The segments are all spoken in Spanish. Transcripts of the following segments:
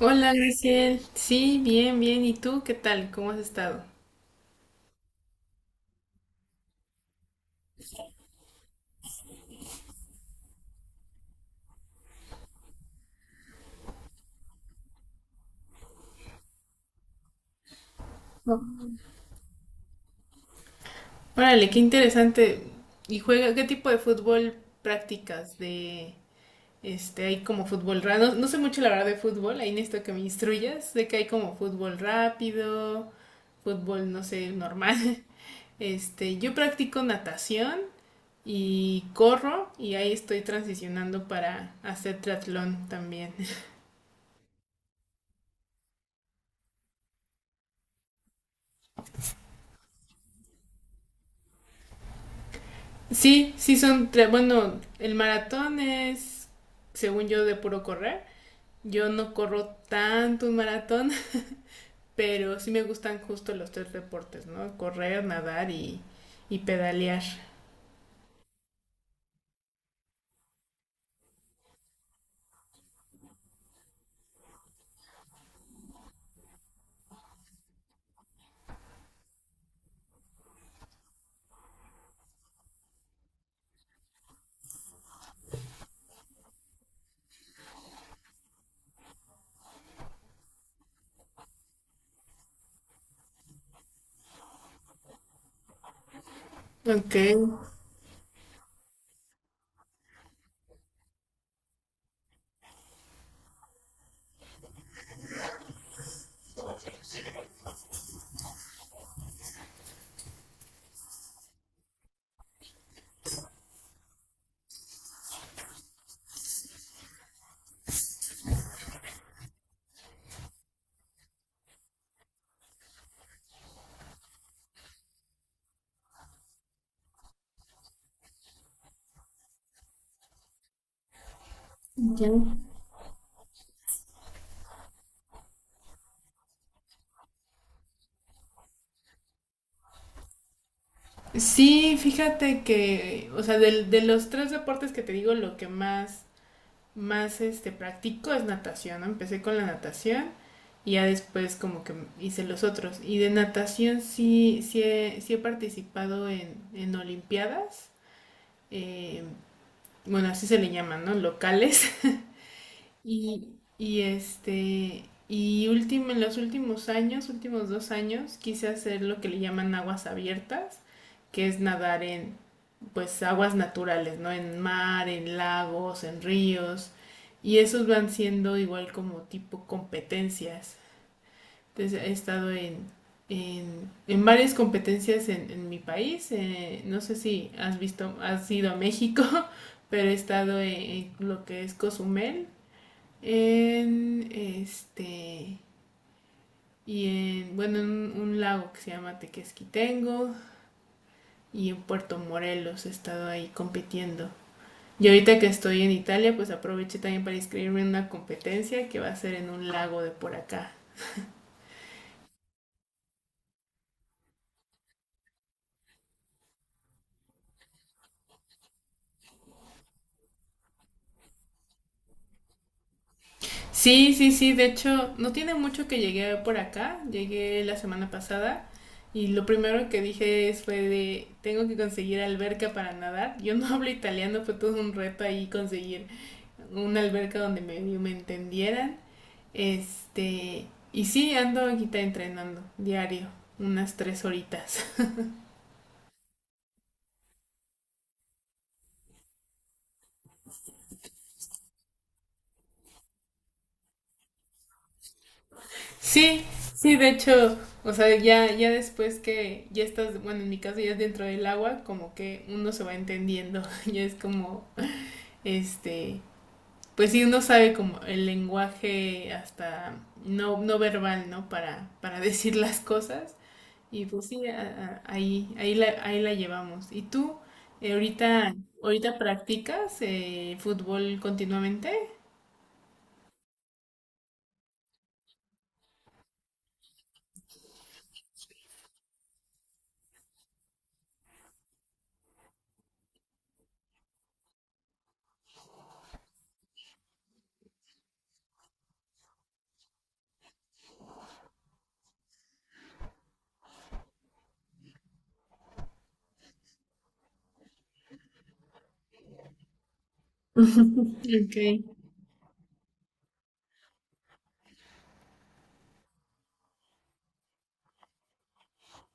Hola, Graciel. Sí, bien, bien. ¿Y tú qué tal? ¿Cómo has estado? Órale, qué interesante. ¿Y juega qué tipo de fútbol practicas? De hay como fútbol rápido. No, no sé mucho la verdad de fútbol, ahí necesito que me instruyas. Sé que hay como fútbol rápido, fútbol, no sé, normal. Yo practico natación y corro y ahí estoy transicionando para hacer triatlón también. Sí, sí son tres. Bueno, el maratón es, según yo, de puro correr. Yo no corro tanto un maratón, pero sí me gustan justo los tres deportes, ¿no? Correr, nadar y pedalear. Ok, ya. Sí, fíjate que, o sea, los tres deportes que te digo, lo que más practico es natación, ¿no? Empecé con la natación y ya después como que hice los otros. Y de natación sí, sí he participado en Olimpiadas, eh, bueno, así se le llaman, ¿no? Locales. Y y último, en los últimos años, últimos dos años, quise hacer lo que le llaman aguas abiertas, que es nadar en, pues aguas naturales, ¿no? En mar, en lagos, en ríos. Y esos van siendo igual como tipo competencias. Entonces he estado en varias competencias en mi país. No sé si has visto, has ido a México, pero he estado en lo que es Cozumel, en este, y en, bueno, en un lago que se llama Tequesquitengo y en Puerto Morelos he estado ahí compitiendo. Y ahorita que estoy en Italia, pues aproveché también para inscribirme en una competencia que va a ser en un lago de por acá. Sí, sí, sí, de hecho, no tiene mucho que llegué por acá, llegué la semana pasada y lo primero que dije fue de, tengo que conseguir alberca para nadar. Yo no hablo italiano, fue todo un reto ahí conseguir una alberca donde me entendieran. Este, y sí, ando aquí entrenando diario, unas tres horitas. Sí, sí, de hecho, o sea, ya, ya después que ya estás, bueno, en mi caso ya es dentro del agua, como que uno se va entendiendo, ya es como, este, pues sí, uno sabe como el lenguaje hasta no, no verbal, ¿no? Para decir las cosas. Y pues sí, ahí, ahí la llevamos. ¿Y tú ahorita, ahorita practicas fútbol continuamente? Ok,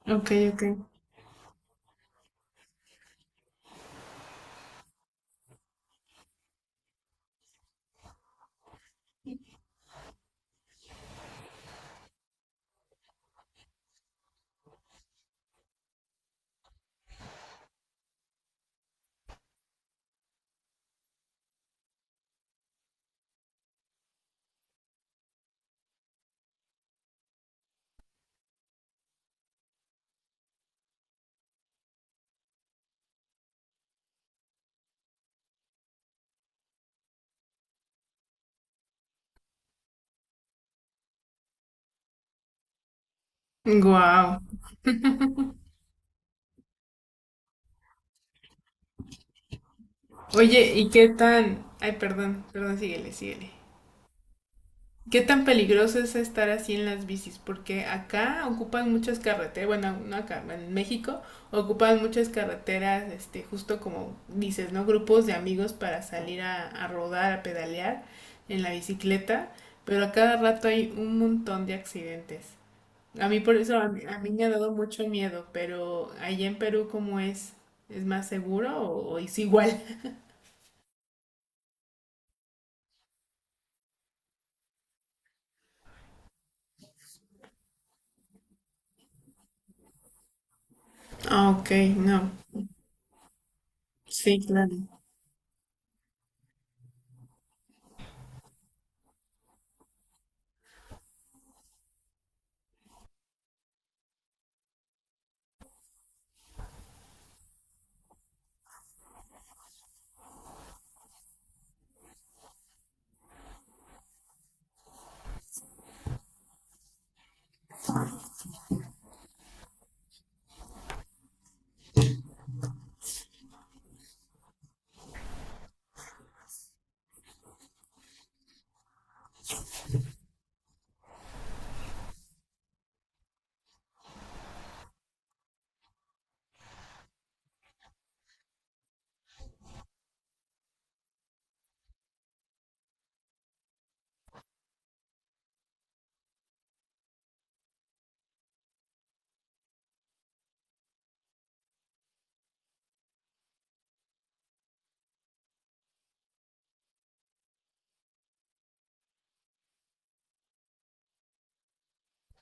ok, ok. Wow. Oye, ¿y qué tan... Ay, perdón, perdón, síguele, síguele. ¿Qué tan peligroso es estar así en las bicis? Porque acá ocupan muchas carreteras, bueno, no acá, en México ocupan muchas carreteras, justo como dices, ¿no? Grupos de amigos para salir a rodar, a pedalear en la bicicleta, pero a cada rato hay un montón de accidentes. A mí por eso, a mí me ha dado mucho miedo, pero allá en Perú, ¿cómo es? ¿Es más seguro o es igual? Ah, ok, no. Sí, claro.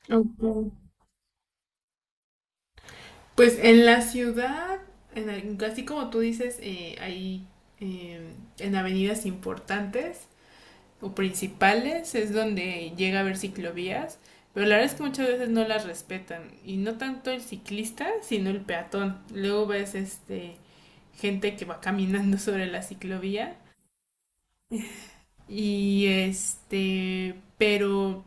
Ok. Pues en la ciudad, en así como tú dices, hay eh, en avenidas importantes o principales es donde llega a haber ciclovías, pero la verdad es que muchas veces no las respetan y no tanto el ciclista, sino el peatón. Luego ves gente que va caminando sobre la ciclovía y pero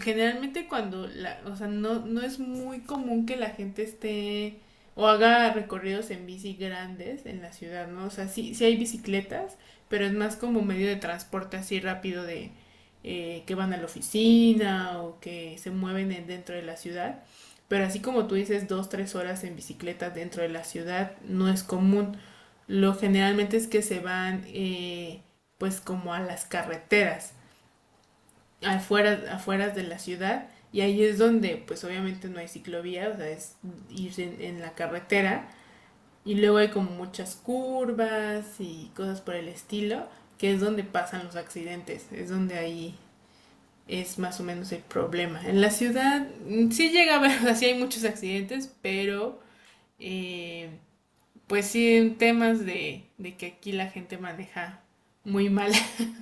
generalmente cuando la, o sea, no, no es muy común que la gente esté o haga recorridos en bici grandes en la ciudad, ¿no? O sea, sí, sí hay bicicletas, pero es más como medio de transporte así rápido de que van a la oficina o que se mueven dentro de la ciudad. Pero así como tú dices, dos, tres horas en bicicleta dentro de la ciudad no es común. Lo generalmente es que se van pues como a las carreteras afuera, afuera de la ciudad y ahí es donde pues obviamente no hay ciclovía, o sea, es ir en la carretera y luego hay como muchas curvas y cosas por el estilo, que es donde pasan los accidentes, es donde ahí es más o menos el problema. En la ciudad sí llega a haber, o sea, sí hay muchos accidentes, pero eh, pues sí en temas de que aquí la gente maneja muy mal.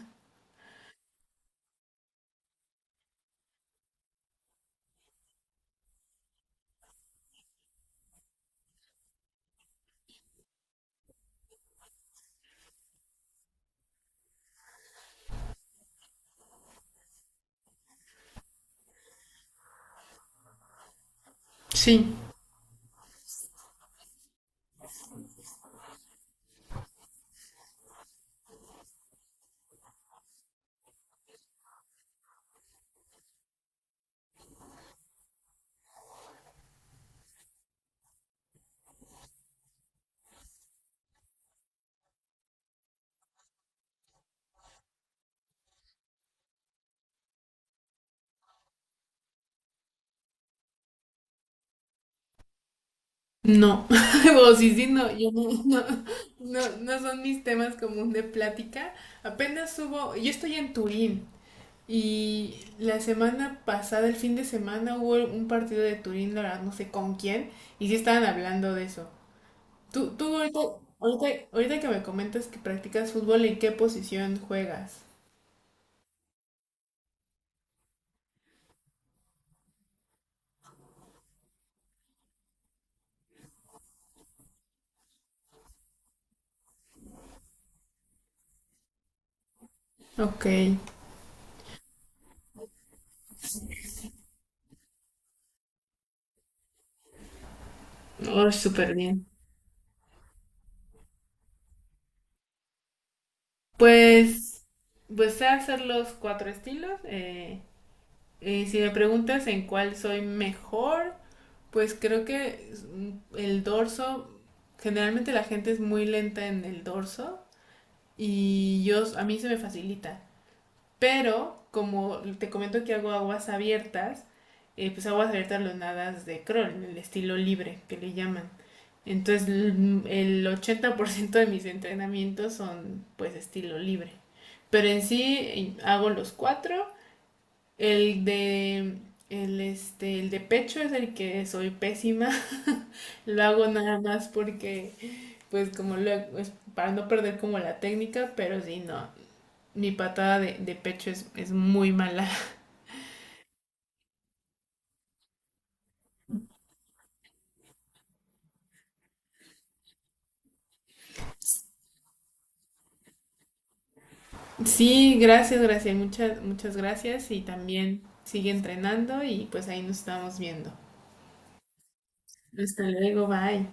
Sí, no, o sí, sí, no, yo no, no, no, no son mis temas común de plática. Apenas hubo, yo estoy en Turín y la semana pasada, el fin de semana, hubo un partido de Turín, la verdad, no sé con quién, y sí estaban hablando de eso. Tú ahorita que me comentas que practicas fútbol, ¿en qué posición juegas? Ok, oh, súper bien. Pues, pues sé hacer los cuatro estilos. Eh, si me preguntas en cuál soy mejor, pues creo que el dorso, generalmente la gente es muy lenta en el dorso y yo, a mí se me facilita. Pero como te comento que hago aguas abiertas, pues aguas abiertas los nadas de crawl, en el estilo libre que le llaman. Entonces el 80% de mis entrenamientos son pues estilo libre. Pero en sí hago los cuatro el de, el, el de pecho es el que soy pésima. Lo hago nada más porque, pues como lo, es para no perder como la técnica, pero sí, no. Mi patada de pecho es muy mala. Sí, gracias, gracias, muchas, muchas gracias y también sigue entrenando y pues ahí nos estamos viendo. Hasta luego, bye.